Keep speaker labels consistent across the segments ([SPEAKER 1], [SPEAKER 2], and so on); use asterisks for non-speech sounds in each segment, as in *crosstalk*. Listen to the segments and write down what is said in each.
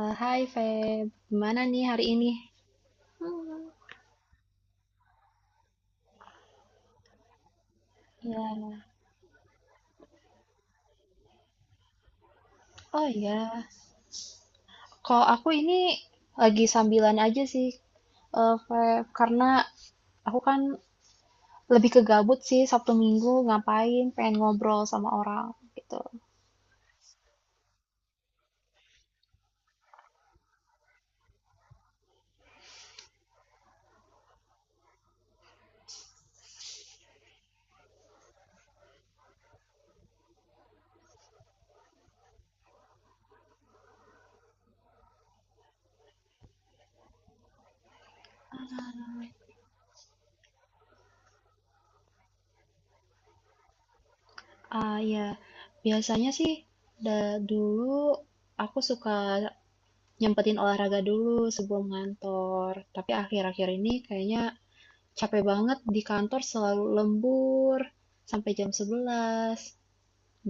[SPEAKER 1] Hai Feb, gimana nih hari ini? Ya, oh iya, kalau aku ini lagi sambilan aja sih. Feb, karena aku kan lebih ke gabut sih Sabtu Minggu ngapain, pengen ngobrol sama orang gitu. Ah iya, biasanya sih dulu aku suka nyempetin olahraga dulu sebelum ngantor, tapi akhir-akhir ini kayaknya capek banget di kantor selalu lembur sampai jam 11.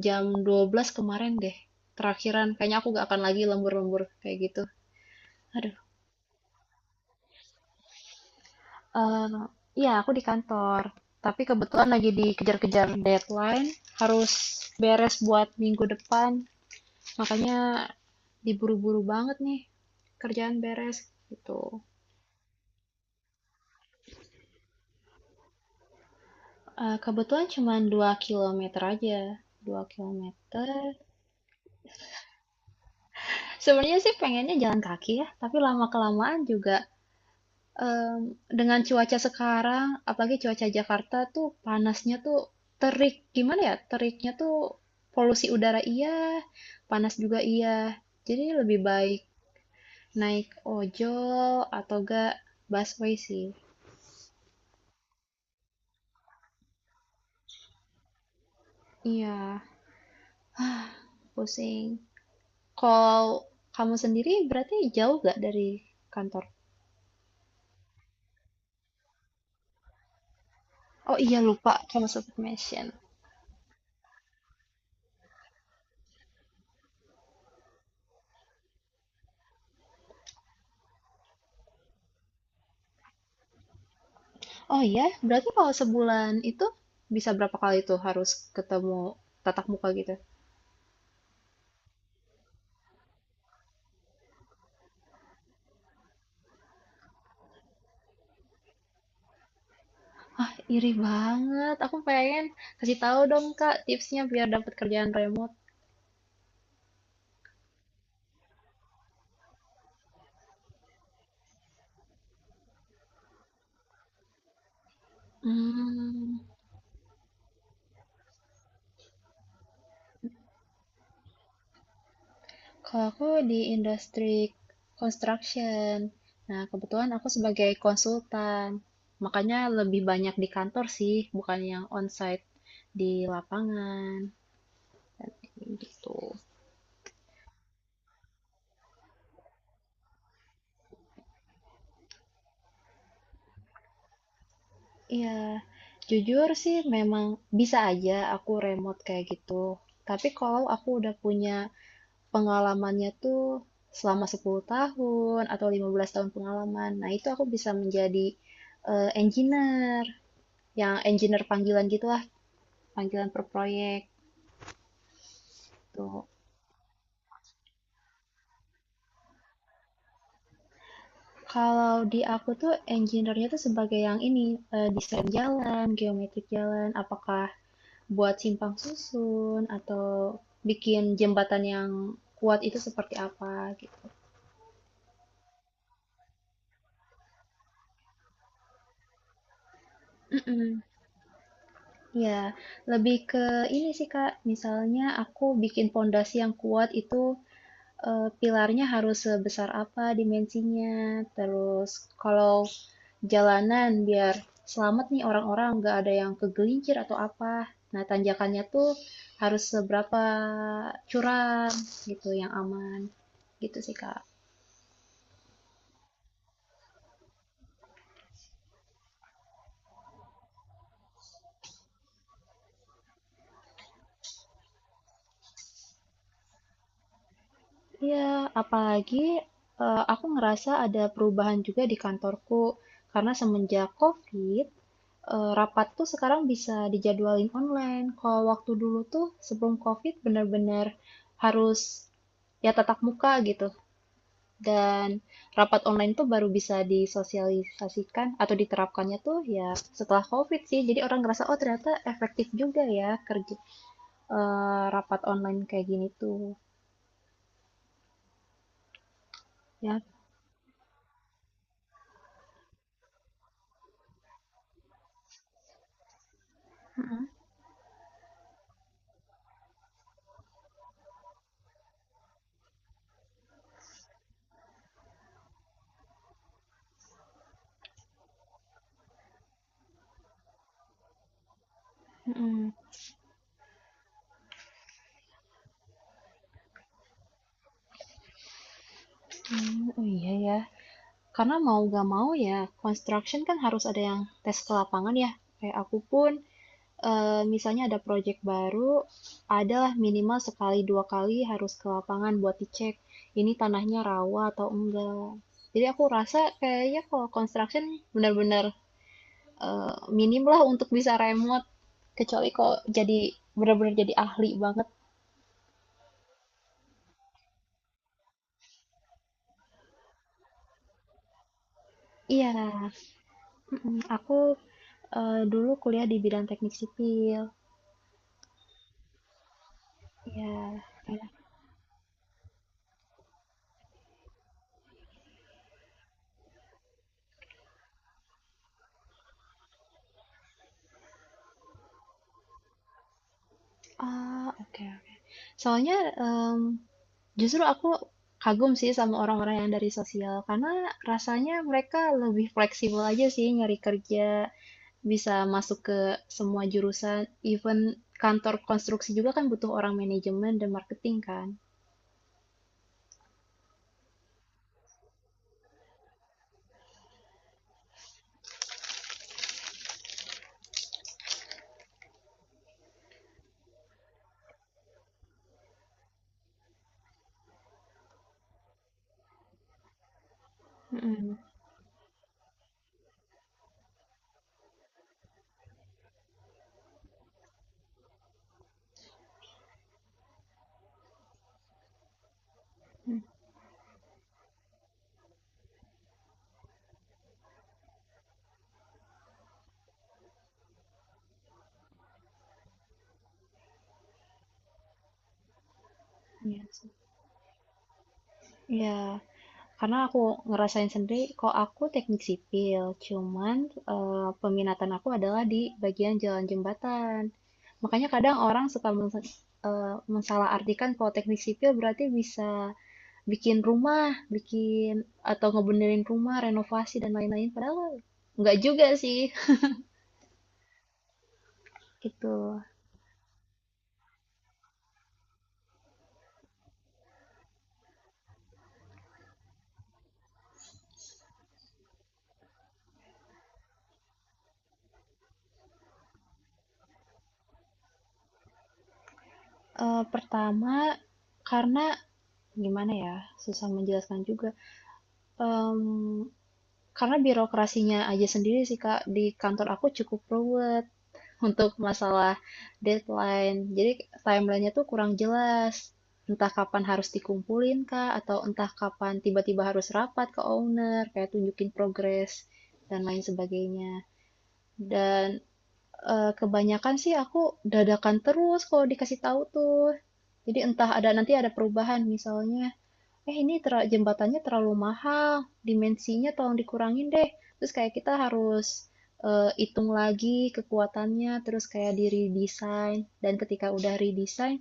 [SPEAKER 1] jam 12 kemarin deh, terakhiran kayaknya aku gak akan lagi lembur-lembur kayak gitu. Aduh. Eh, iya, aku di kantor. Tapi kebetulan lagi dikejar-kejar deadline, harus beres buat minggu depan. Makanya diburu-buru banget nih kerjaan beres gitu. Kebetulan cuma 2 kilometer aja. 2 kilometer. Sebenarnya sih pengennya jalan kaki ya, tapi lama-kelamaan juga dengan cuaca sekarang, apalagi cuaca Jakarta tuh panasnya tuh terik, gimana ya, teriknya tuh polusi udara iya, panas juga iya. Jadi lebih baik naik ojol atau enggak busway sih. Iya, pusing. Kalau kamu sendiri berarti jauh nggak dari kantor? Oh iya lupa, kamu sempat mention. Oh iya, berarti kalau sebulan itu bisa berapa kali tuh harus ketemu tatap muka gitu? Ah, iri banget. Aku pengen kasih tahu dong, Kak, tipsnya biar dapat kerjaan remote. Hmm. Kalau aku di industri construction. Nah, kebetulan aku sebagai konsultan. Makanya lebih banyak di kantor sih, bukan yang onsite di lapangan gitu. Iya, jujur sih memang bisa aja aku remote kayak gitu. Tapi kalau aku udah punya pengalamannya tuh selama 10 tahun atau 15 tahun pengalaman. Nah, itu aku bisa menjadi engineer, yang engineer panggilan gitulah, panggilan per proyek tuh. Kalau di aku tuh engineer-nya tuh sebagai yang ini, desain jalan, geometrik jalan, apakah buat simpang susun atau bikin jembatan yang kuat itu seperti apa gitu. Mm-mm. Ya, lebih ke ini sih Kak, misalnya aku bikin pondasi yang kuat itu pilarnya harus sebesar apa dimensinya, terus kalau jalanan biar selamat nih orang-orang nggak ada yang kegelincir atau apa. Nah, tanjakannya tuh harus seberapa curam gitu yang aman. Gitu sih Kak. Iya, apalagi aku ngerasa ada perubahan juga di kantorku karena semenjak COVID rapat tuh sekarang bisa dijadwalin online. Kalau waktu dulu tuh sebelum COVID benar-benar harus ya tatap muka gitu. Dan rapat online tuh baru bisa disosialisasikan atau diterapkannya tuh ya setelah COVID sih. Jadi orang ngerasa, oh ternyata efektif juga ya kerja rapat online kayak gini tuh. Ya, mhm. Mmm, oh iya ya. Karena mau gak mau ya construction kan harus ada yang tes ke lapangan ya. Kayak aku pun misalnya ada proyek baru, adalah minimal sekali, 2 kali harus ke lapangan buat dicek, ini tanahnya rawa atau enggak. Jadi aku rasa kayaknya kalau construction benar-benar minim lah untuk bisa remote, kecuali kok jadi benar-benar jadi ahli banget. Iya, mhm, aku, dulu kuliah di bidang teknik sipil. Iya, enak. Oh, oke oke. Soalnya, justru aku kagum sih sama orang-orang yang dari sosial, karena rasanya mereka lebih fleksibel aja sih nyari kerja, bisa masuk ke semua jurusan, even kantor konstruksi juga kan butuh orang manajemen dan marketing kan. Mm-mm. Iya sih. Iya, karena aku ngerasain sendiri, kok aku teknik sipil, cuman eh, peminatan aku adalah di bagian jalan jembatan. Makanya kadang orang suka mensalah artikan kalau teknik sipil berarti bisa bikin rumah, bikin atau ngebenerin rumah, renovasi dan lain-lain. Padahal nggak juga sih, *laughs* gitu. Pertama, karena gimana ya, susah menjelaskan juga. Em, karena birokrasinya aja sendiri sih Kak, di kantor aku cukup ruwet *laughs* untuk masalah deadline. Jadi timelinenya tuh kurang jelas. Entah kapan harus dikumpulin Kak, atau entah kapan tiba-tiba harus rapat ke owner, kayak tunjukin progres dan lain sebagainya. Dan, kebanyakan sih aku dadakan terus kalau dikasih tahu tuh. Jadi entah ada nanti ada perubahan misalnya, "Eh, ini tera jembatannya terlalu mahal, dimensinya tolong dikurangin deh." Terus kayak kita harus, hitung lagi kekuatannya, terus kayak di-redesign dan ketika udah redesign,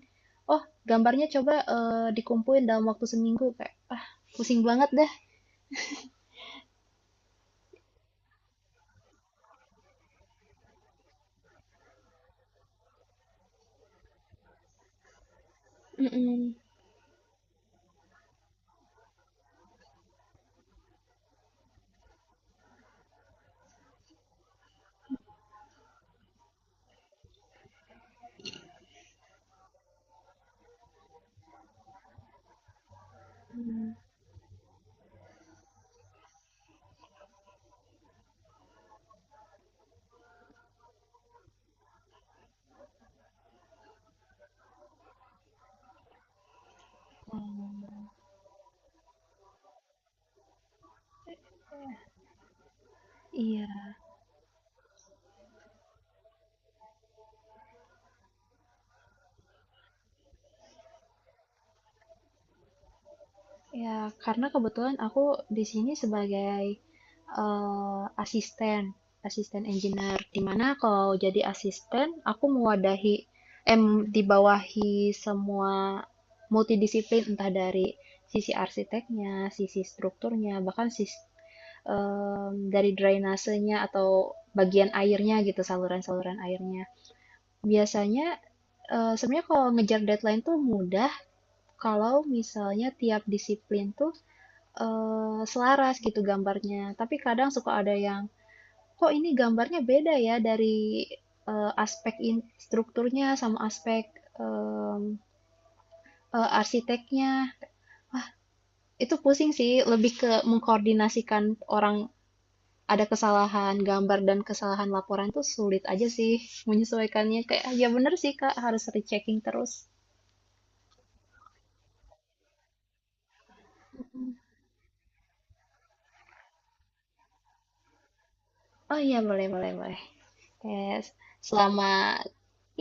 [SPEAKER 1] "Oh, gambarnya coba, dikumpulin dalam waktu seminggu." Kayak, ah, pusing banget dah. Mhm. Iya. Ya, karena kebetulan aku di sini sebagai asisten, asisten engineer. Di mana kalau jadi asisten, aku mewadahi, dibawahi semua multidisiplin, entah dari sisi arsiteknya, sisi strukturnya, bahkan dari drainasenya atau bagian airnya gitu, saluran-saluran airnya. Biasanya, sebenarnya kalau ngejar deadline tuh mudah, kalau misalnya tiap disiplin tuh selaras gitu gambarnya. Tapi kadang suka ada yang, "Kok ini gambarnya beda ya dari, aspek strukturnya sama aspek, mmm, arsiteknya." Itu pusing sih, lebih ke mengkoordinasikan orang ada kesalahan gambar dan kesalahan laporan tuh sulit aja sih menyesuaikannya. Kayak, ya bener sih, Kak, harus rechecking terus. Oh iya, boleh boleh boleh. Kayak, selamat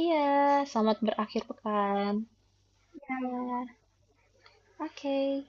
[SPEAKER 1] iya, selamat berakhir pekan. Iya. Oke. Okay.